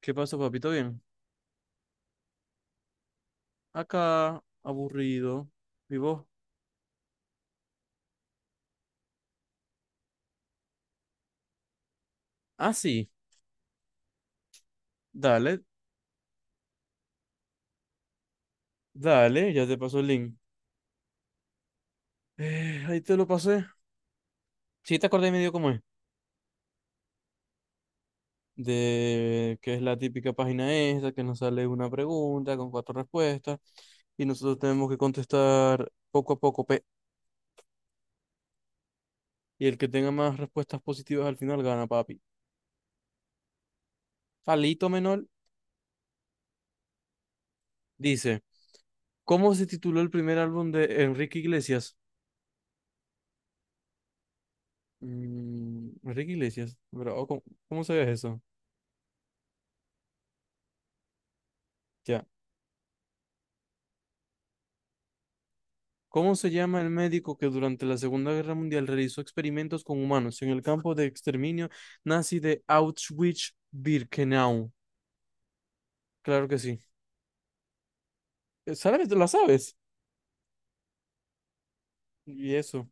¿Qué pasó, papito? Bien. Acá, aburrido. ¿Y vos? Ah, sí. Dale, dale, ya te paso el link. Ahí te lo pasé. Sí, te acordé medio cómo es. De que es la típica página esa, que nos sale una pregunta con cuatro respuestas y nosotros tenemos que contestar poco a poco, pe. Y el que tenga más respuestas positivas al final gana, papi. Alito Menor dice, ¿cómo se tituló el primer álbum de Enrique Iglesias? Enrique Iglesias, pero oh, ¿cómo sabías eso? Ya. ¿Cómo se llama el médico que durante la Segunda Guerra Mundial realizó experimentos con humanos en el campo de exterminio nazi de Auschwitz-Birkenau? Claro que sí. ¿Sabes? ¿La sabes? Y eso.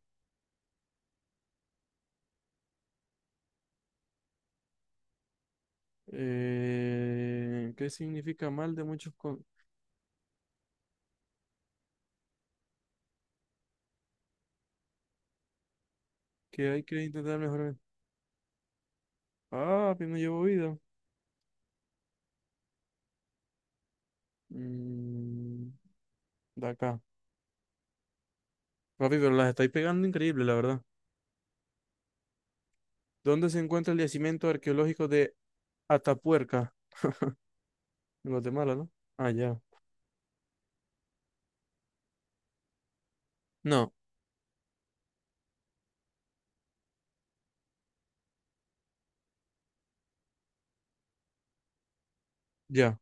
¿Qué significa mal de muchos que hay que intentar mejorar? Ah, pero no llevo vida. Mm, de acá. Papi, pero las estáis pegando increíble, la verdad. ¿Dónde se encuentra el yacimiento arqueológico de Atapuerca? En Guatemala, ¿no? Ah, ya. No, ya.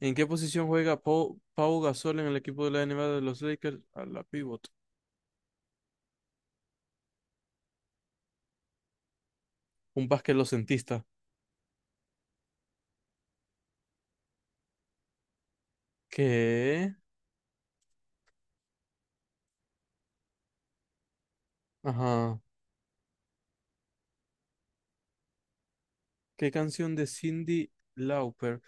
¿En qué posición juega Pau Gasol en el equipo de la NBA de los Lakers? A la pivot. Un basquetbolcentista. ¿Qué? Ajá. ¿Qué canción de Cindy Lauper?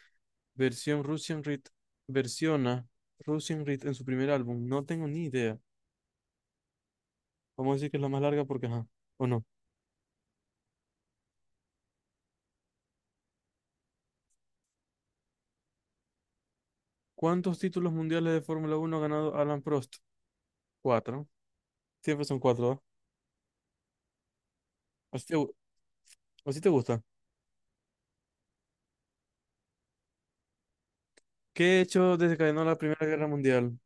Versión Russian Rit. Versiona Russian Rit en su primer álbum. No tengo ni idea. Vamos a decir que es la más larga porque, ajá. ¿O no? ¿Cuántos títulos mundiales de Fórmula Uno ha ganado Alan Prost? Cuatro. Siempre son cuatro, ¿ah? Así te, gu- Así te gusta. ¿Qué hecho desencadenó la Primera Guerra Mundial?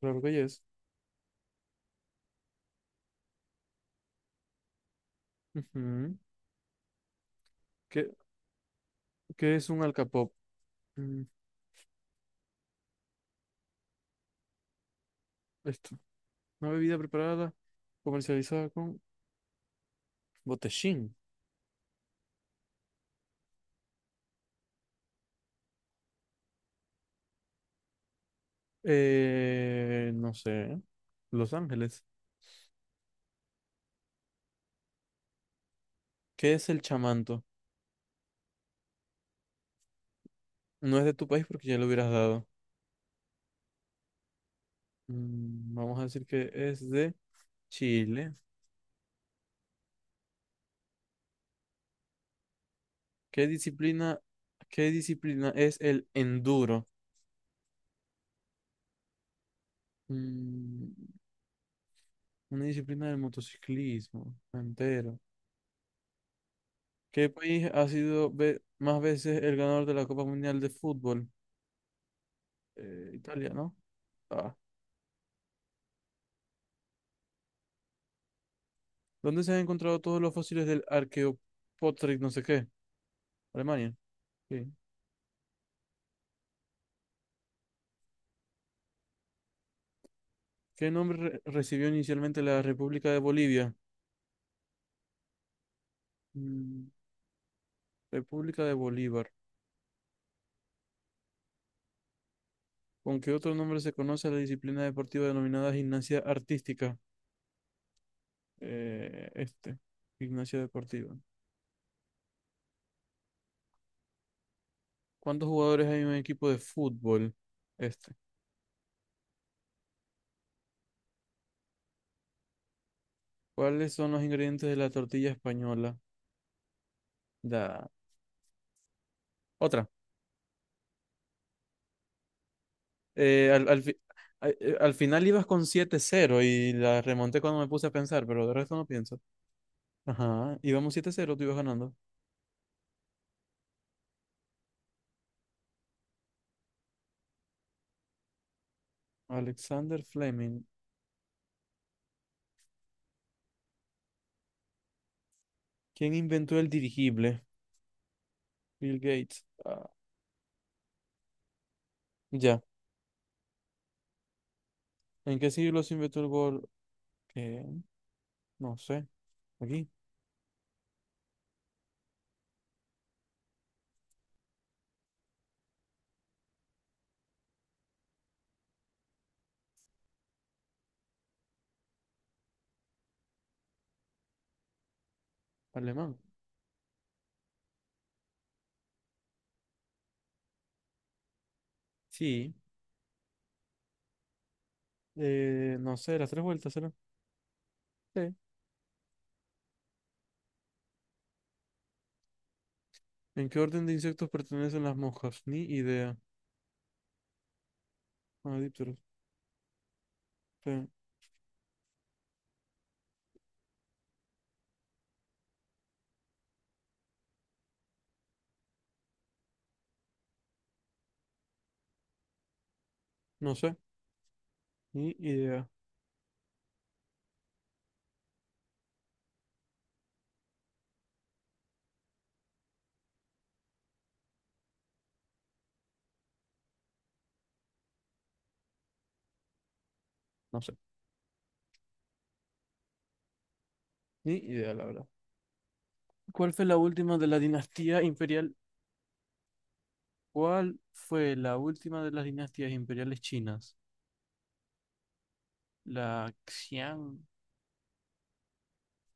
Claro que es. ¿Qué es un alcapop? Mm, Esto, una bebida preparada, comercializada con botellín. No sé. Los Ángeles. ¿Qué es el chamanto? No es de tu país porque ya lo hubieras dado. Vamos a decir que es de Chile. ¿Qué disciplina, ¿Qué disciplina es el enduro? Mm, Una disciplina del motociclismo entero. ¿Qué país ha sido más veces el ganador de la Copa Mundial de Fútbol? Italia, ¿no? Ah. ¿Dónde se han encontrado todos los fósiles del Archaeopteryx, no sé qué? Alemania. Sí. ¿Qué nombre recibió inicialmente la República de Bolivia? Mm, República de Bolívar. ¿Con qué otro nombre se conoce a la disciplina deportiva denominada gimnasia artística? Este, gimnasia deportiva. ¿Cuántos jugadores hay en un equipo de fútbol? Este. ¿Cuáles son los ingredientes de la tortilla española? Da. Otra. eh, al, al, fi- Al final ibas con 7-0 y la remonté cuando me puse a pensar, pero de resto no pienso. Ajá, íbamos 7-0 tú ibas ganando. Alexander Fleming. ¿Quién inventó el dirigible? Bill Gates. Ah, ya. ¿En qué siglo se inventó el gol? Eh, no sé. Aquí, alemán. Sí. No sé, las tres vueltas, ¿será? Sí. ¿En qué orden de insectos pertenecen las moscas? Ni idea. Ah, dípteros. Sí. No sé. Ni idea. No sé. Ni idea, la verdad. ¿Cuál fue la última de la dinastía imperial? ¿Cuál fue la última de las dinastías imperiales chinas? La Xiang,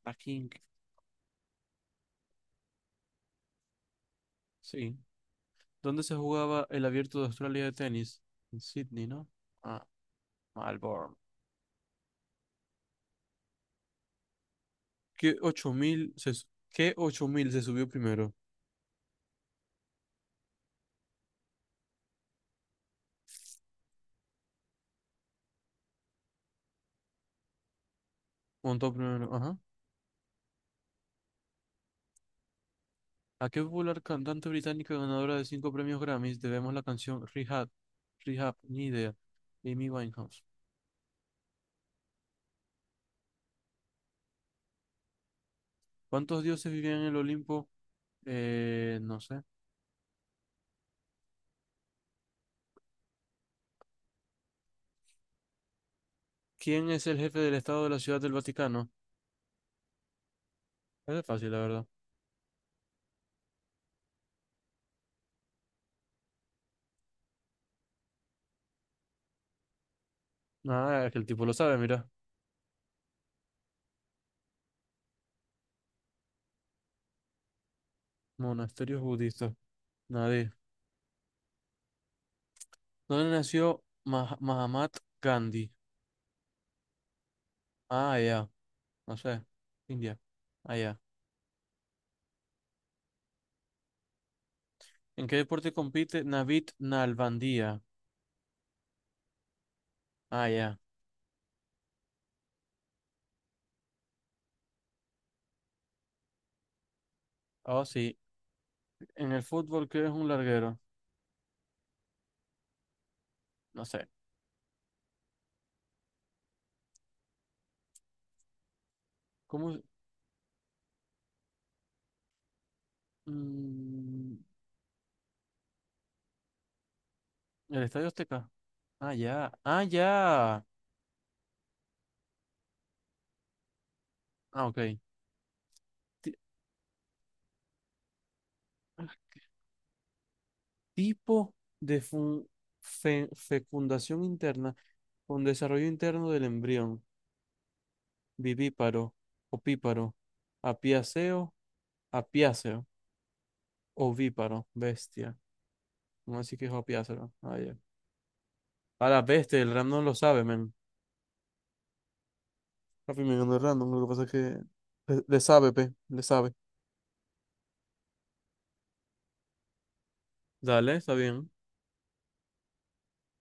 la Qing. Sí. ¿Dónde se jugaba el Abierto de Australia de tenis? En Sydney, ¿no? Ah, Melbourne. ¿Qué 8000 se subió primero? Montó primero, ajá. ¿A qué popular cantante británica ganadora de cinco premios Grammys debemos la canción Rehab? Rehab, ni idea. Amy Winehouse. ¿Cuántos dioses vivían en el Olimpo? No sé. ¿Quién es el jefe del Estado de la Ciudad del Vaticano? Es fácil, la verdad. Ah, es que el tipo lo sabe, mira. Monasterios budistas. Nadie. ¿Dónde nació Mahatma Gandhi? Ah, ya. No sé. India. Ah, ya. ¿En qué deporte compite Navid Nalbandia? Ah, ya. Oh, sí. ¿En el fútbol qué es un larguero? No sé. ¿Cómo es? Mm, ¿El Estadio Azteca? Ah, ya. Ah, ya. Ah, ok. Ti- tipo de fecundación interna con desarrollo interno del embrión, vivíparo, opíparo, apiáceo, apiáceo, ovíparo, bestia. No así que es apiáceo. Ah, ya. A la bestia, el random lo sabe, men. Papi, me ganó el random, lo que pasa es que le sabe, pe, le sabe. Dale, está bien.